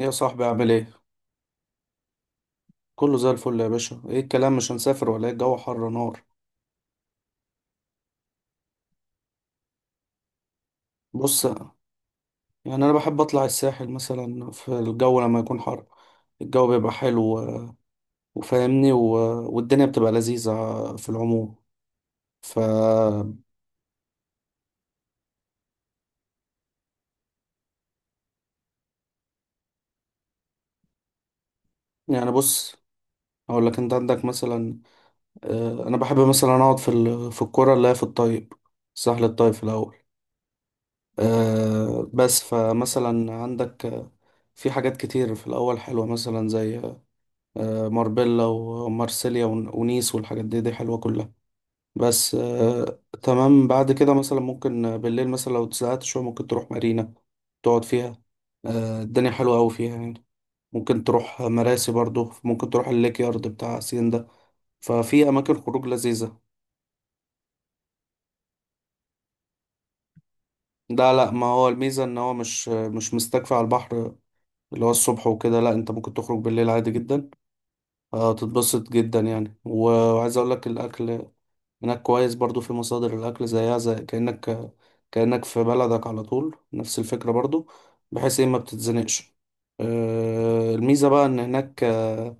يا صاحبي عامل ايه؟ كله زي الفل يا باشا، ايه الكلام مش هنسافر ولا ايه الجو حر نار، بص يعني انا بحب اطلع الساحل مثلا في الجو لما يكون حر، الجو بيبقى حلو وفاهمني والدنيا بتبقى لذيذة في العموم. ف يعني بص اقول لك انت عندك مثلا انا بحب مثلا اقعد في في الكرة اللي هي في الطيب، الساحل الطيب في الاول. بس فمثلا عندك في حاجات كتير في الاول حلوة مثلا زي ماربيلا ومارسيليا ونيس والحاجات دي دي حلوة كلها. بس تمام، بعد كده مثلا ممكن بالليل مثلا لو اتزهقت شوية ممكن تروح مارينا تقعد فيها. الدنيا حلوة أوي فيها يعني، ممكن تروح مراسي برضو، ممكن تروح الليك يارد بتاع سين ده، ففي أماكن خروج لذيذة. ده لا، ما هو الميزة إن هو مش مستكفي على البحر اللي هو الصبح وكده. لا، أنت ممكن تخرج بالليل عادي جدا. تتبسط جدا يعني، وعايز أقولك الأكل هناك كويس برضو، في مصادر الأكل زيها، زي كأنك في بلدك على طول، نفس الفكرة برضو، بحيث إيه ما بتتزنقش. الميزة بقى إن هناك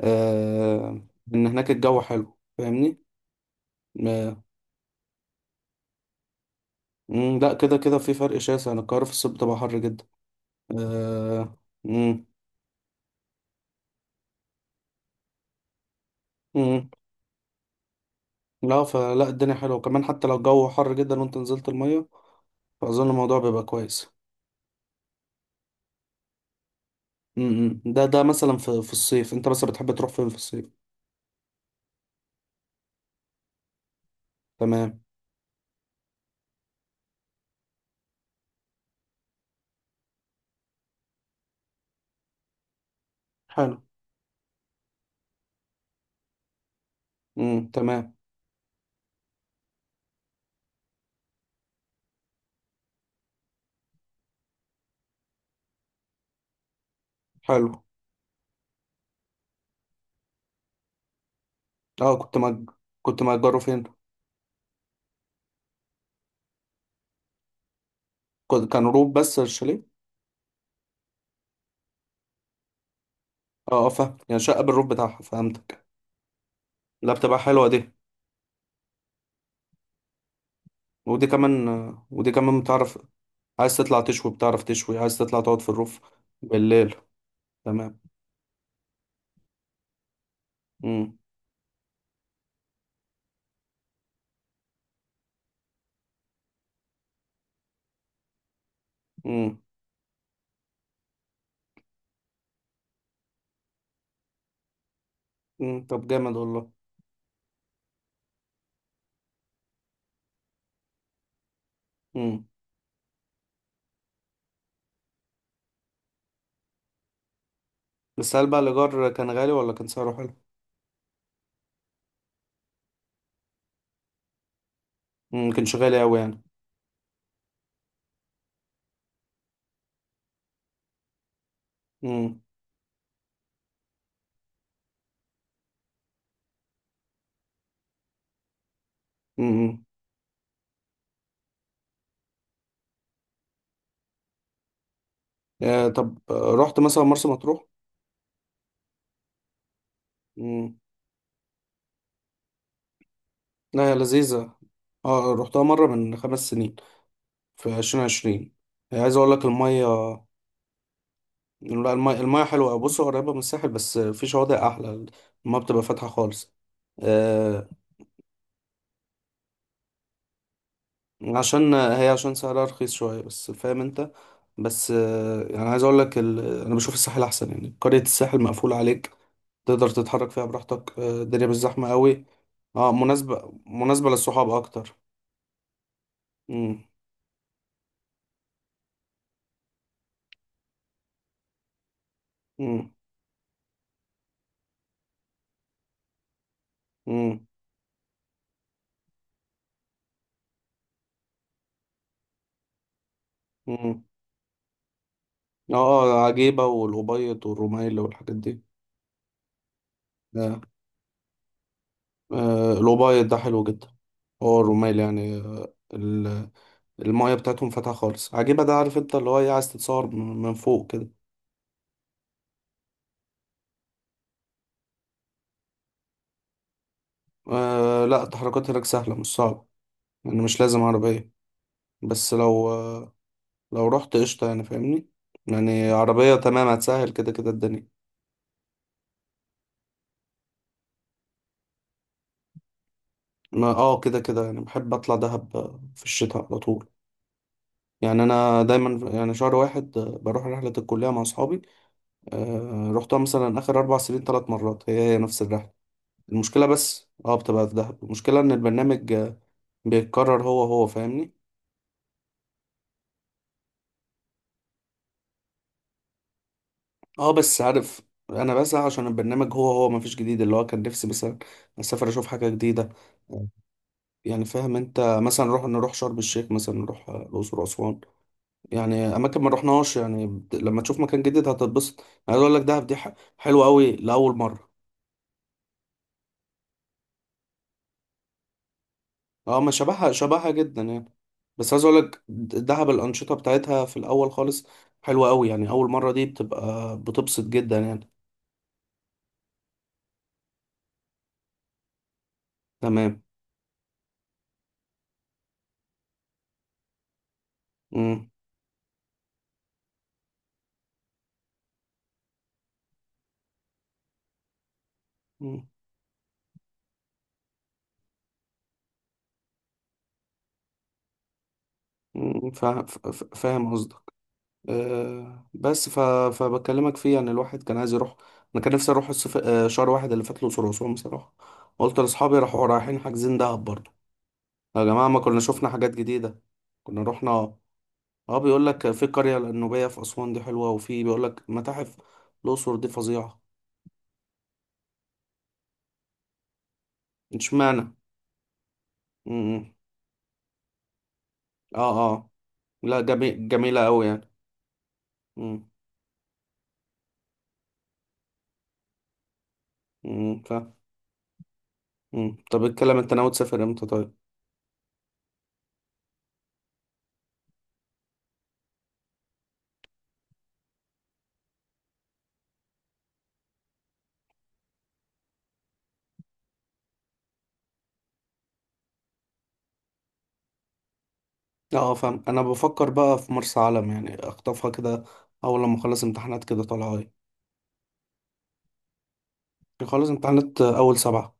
آه، إن هناك الجو حلو، فاهمني؟ آه، مم، لا كده كده في فرق شاسع. أنا القاهرة في الصيف بتبقى حر جدا. آه، مم. مم. لا، فلا الدنيا حلوة كمان حتى لو الجو حر جدا وأنت نزلت المية، فأظن الموضوع بيبقى كويس. مم. مم. ده مثلا في الصيف، أنت بس بتحب تروح فين في الصيف؟ تمام. حلو. امم، تمام. حلو. اه كنت كنت مأجره فين؟ كان روف بس الشاليه؟ اه اه، فاهم، يعني شقة بالروف بتاعها، فهمتك. لا بتبقى حلوة دي، ودي كمان ودي كمان بتعرف عايز تطلع تشوي، بتعرف تشوي عايز تطلع تقعد في الروف بالليل. تمام. امم. امم. امم. طب جامد والله. امم. بس هل بقى الإيجار كان غالي ولا كان سعره حلو؟ امم، كانش غالي أوي يعني. امم. امم. آه، طب رحت مثلا مرسى مطروح؟ امم. لا يا لذيذة، اه رحتها مرة من 5 سنين، في 2020. عايز اقول لك الميه، لا الميه، الميه حلوه. بص هو قريبه من الساحل بس في شواطئ احلى. الميه بتبقى فاتحه خالص. آه، عشان هي، عشان سعرها رخيص شويه، بس فاهم انت. بس يعني عايز اقول لك انا بشوف الساحل احسن، يعني قريه الساحل مقفوله عليك، تقدر تتحرك فيها براحتك. الدنيا مش زحمه قوي. اه، مناسبه للصحاب اكتر. امم. امم. امم. اه عجيبه، والأبيض والرمايل والحاجات دي. آه. الأوبايد ده حلو جدا، هو الرمال يعني. المايه بتاعتهم فاتحة خالص عجيبة. ده عارف انت اللي هو ايه، عايز تتصور من فوق كده. آه، لا التحركات هناك سهلة، مش صعبة. يعني مش لازم عربية. بس لو آه، لو رحت قشطة يعني، فاهمني، يعني عربية تمام هتسهل كده كده الدنيا. ما اه كده كده يعني بحب اطلع دهب في الشتاء على طول. يعني انا دايما يعني شهر واحد بروح رحلة الكلية مع اصحابي. آه، رحتها مثلا اخر 4 سنين 3 مرات، هي هي نفس الرحلة. المشكلة بس اه بتبقى في دهب، المشكلة ان البرنامج بيتكرر هو هو، فاهمني؟ اه بس عارف، انا بسعى، عشان البرنامج هو هو مفيش جديد، اللي هو كان نفسي مثلا اسافر اشوف حاجة جديدة. يعني فاهم انت، مثلا نروح شرم الشيخ، مثلا نروح الاقصر واسوان. يعني اماكن ما رحناهاش، يعني لما تشوف مكان جديد هتتبسط. انا عايز اقول لك دهب دي حلوة قوي لاول مرة. اه ما شبهها جدا يعني. بس عايز اقولك دهب الانشطه بتاعتها في الاول خالص حلوه قوي، يعني اول مره دي بتبقى بتبسط جدا يعني. تمام. امم. امم. فاهم قصدك. أه بس فبكلمك فيه، يعني الواحد كان عايز يروح. انا كان نفسي اروح الصف... آه، شهر واحد اللي فات الاقصر واسوان بصراحه، قلت لاصحابي راحوا رايحين حاجزين دهب برضه. يا جماعه ما كنا شفنا حاجات جديده، كنا رحنا. اه بيقول لك في القرية النوبية في أسوان دي حلوة، وفي بيقول لك متاحف الأقصر دي فظيعة. اشمعنى؟ امم. اه اه. لا جميل، جميلة أوي يعني. امم. امم، فاهم. امم، طب اتكلم، انت ناوي تسافر امتى طيب؟ اه فاهم. انا بفكر بقى في مرسى علم، يعني اخطفها كده اول لما اخلص امتحانات كده. طالعة ايه؟ اخلص امتحانات اول سبعة.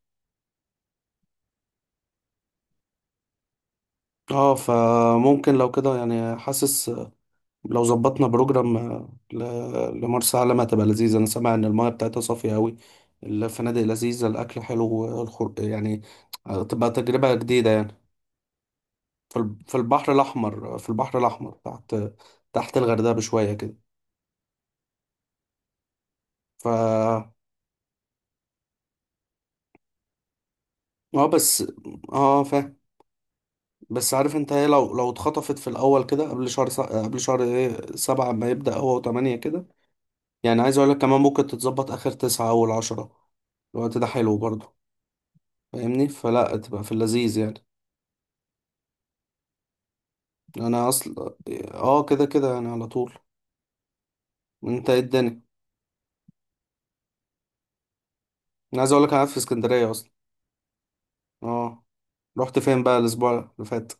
اه فممكن لو كده يعني، حاسس لو ظبطنا بروجرام لمرسى علم هتبقى لذيذة. أنا سامع إن المايه بتاعتها صافية أوي، الفنادق لذيذة، الأكل حلو، يعني هتبقى تجربة جديدة يعني. في في البحر الأحمر. في البحر الأحمر تحت، تحت الغردقة بشوية كده. ف اه بس، اه فاهم. بس عارف انت ايه، لو اتخطفت في الأول كده قبل شهر قبل شهر ايه سبعة، ما يبدأ هو وتمانية كده. يعني عايز أقولك كمان ممكن تتظبط آخر تسعة أول عشرة، الوقت ده حلو برضه، فاهمني؟ فلا تبقى في اللذيذ يعني. انا اصلا اه كده كده يعني على طول. انت ايه الدنيا؟ انا عايز اقول لك انا قاعد في اسكندريه اصلا. اه رحت فين بقى الاسبوع اللي فات؟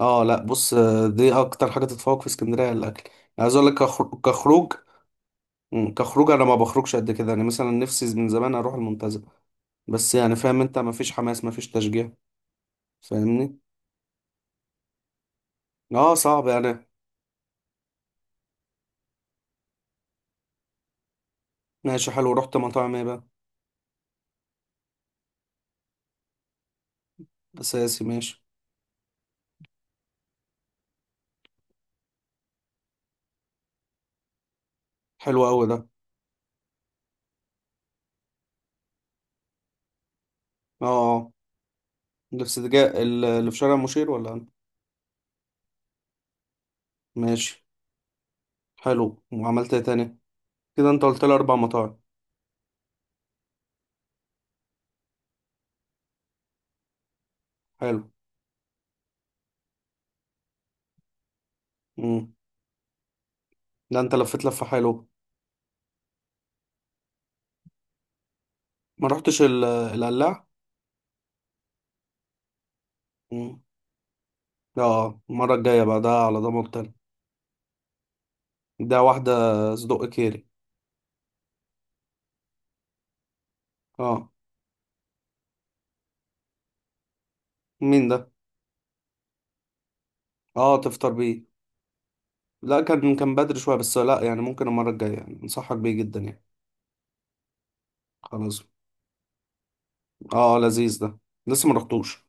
اه لا بص دي اكتر حاجه تتفوق في اسكندريه، الاكل. أنا عايز اقول لك كخروج، مم، كخروج انا ما بخرجش قد كده. يعني مثلا نفسي من زمان اروح المنتزه، بس يعني فاهم انت، ما فيش حماس، ما فيش تشجيع، فاهمني. اه صعب يعني. ماشي حلو، رحت مطاعم ايه بقى؟ اساسي. ماشي. حلو قوي ده. اه. آه. الاسترجاع اللي في شارع مشير ولا أنا؟ ماشي. حلو، وعملت ايه تاني؟ كده انت قلت لي اربع مطاعم. حلو. امم. ده انت لفيت لفه حلو. ما رحتش القلاع؟ امم. اه، المره الجايه بقى ده على ضمانتي أنا. ده واحده. صدق كيري. اه مين ده؟ اه تفطر بيه. لا كان بدري شويه، بس لا يعني ممكن المره الجايه، يعني انصحك بيه جدا يعني. خلاص. اه لذيذ ده، لسه ما رحتوش.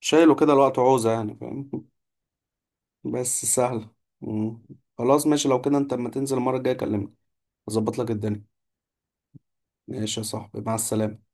شايله كده الوقت عوزه، يعني فاهم. بس سهلة. مم. خلاص ماشي، لو كده انت اما تنزل المرة الجاية كلمني، اظبط لك الدنيا. ماشي يا صاحبي، مع السلامة.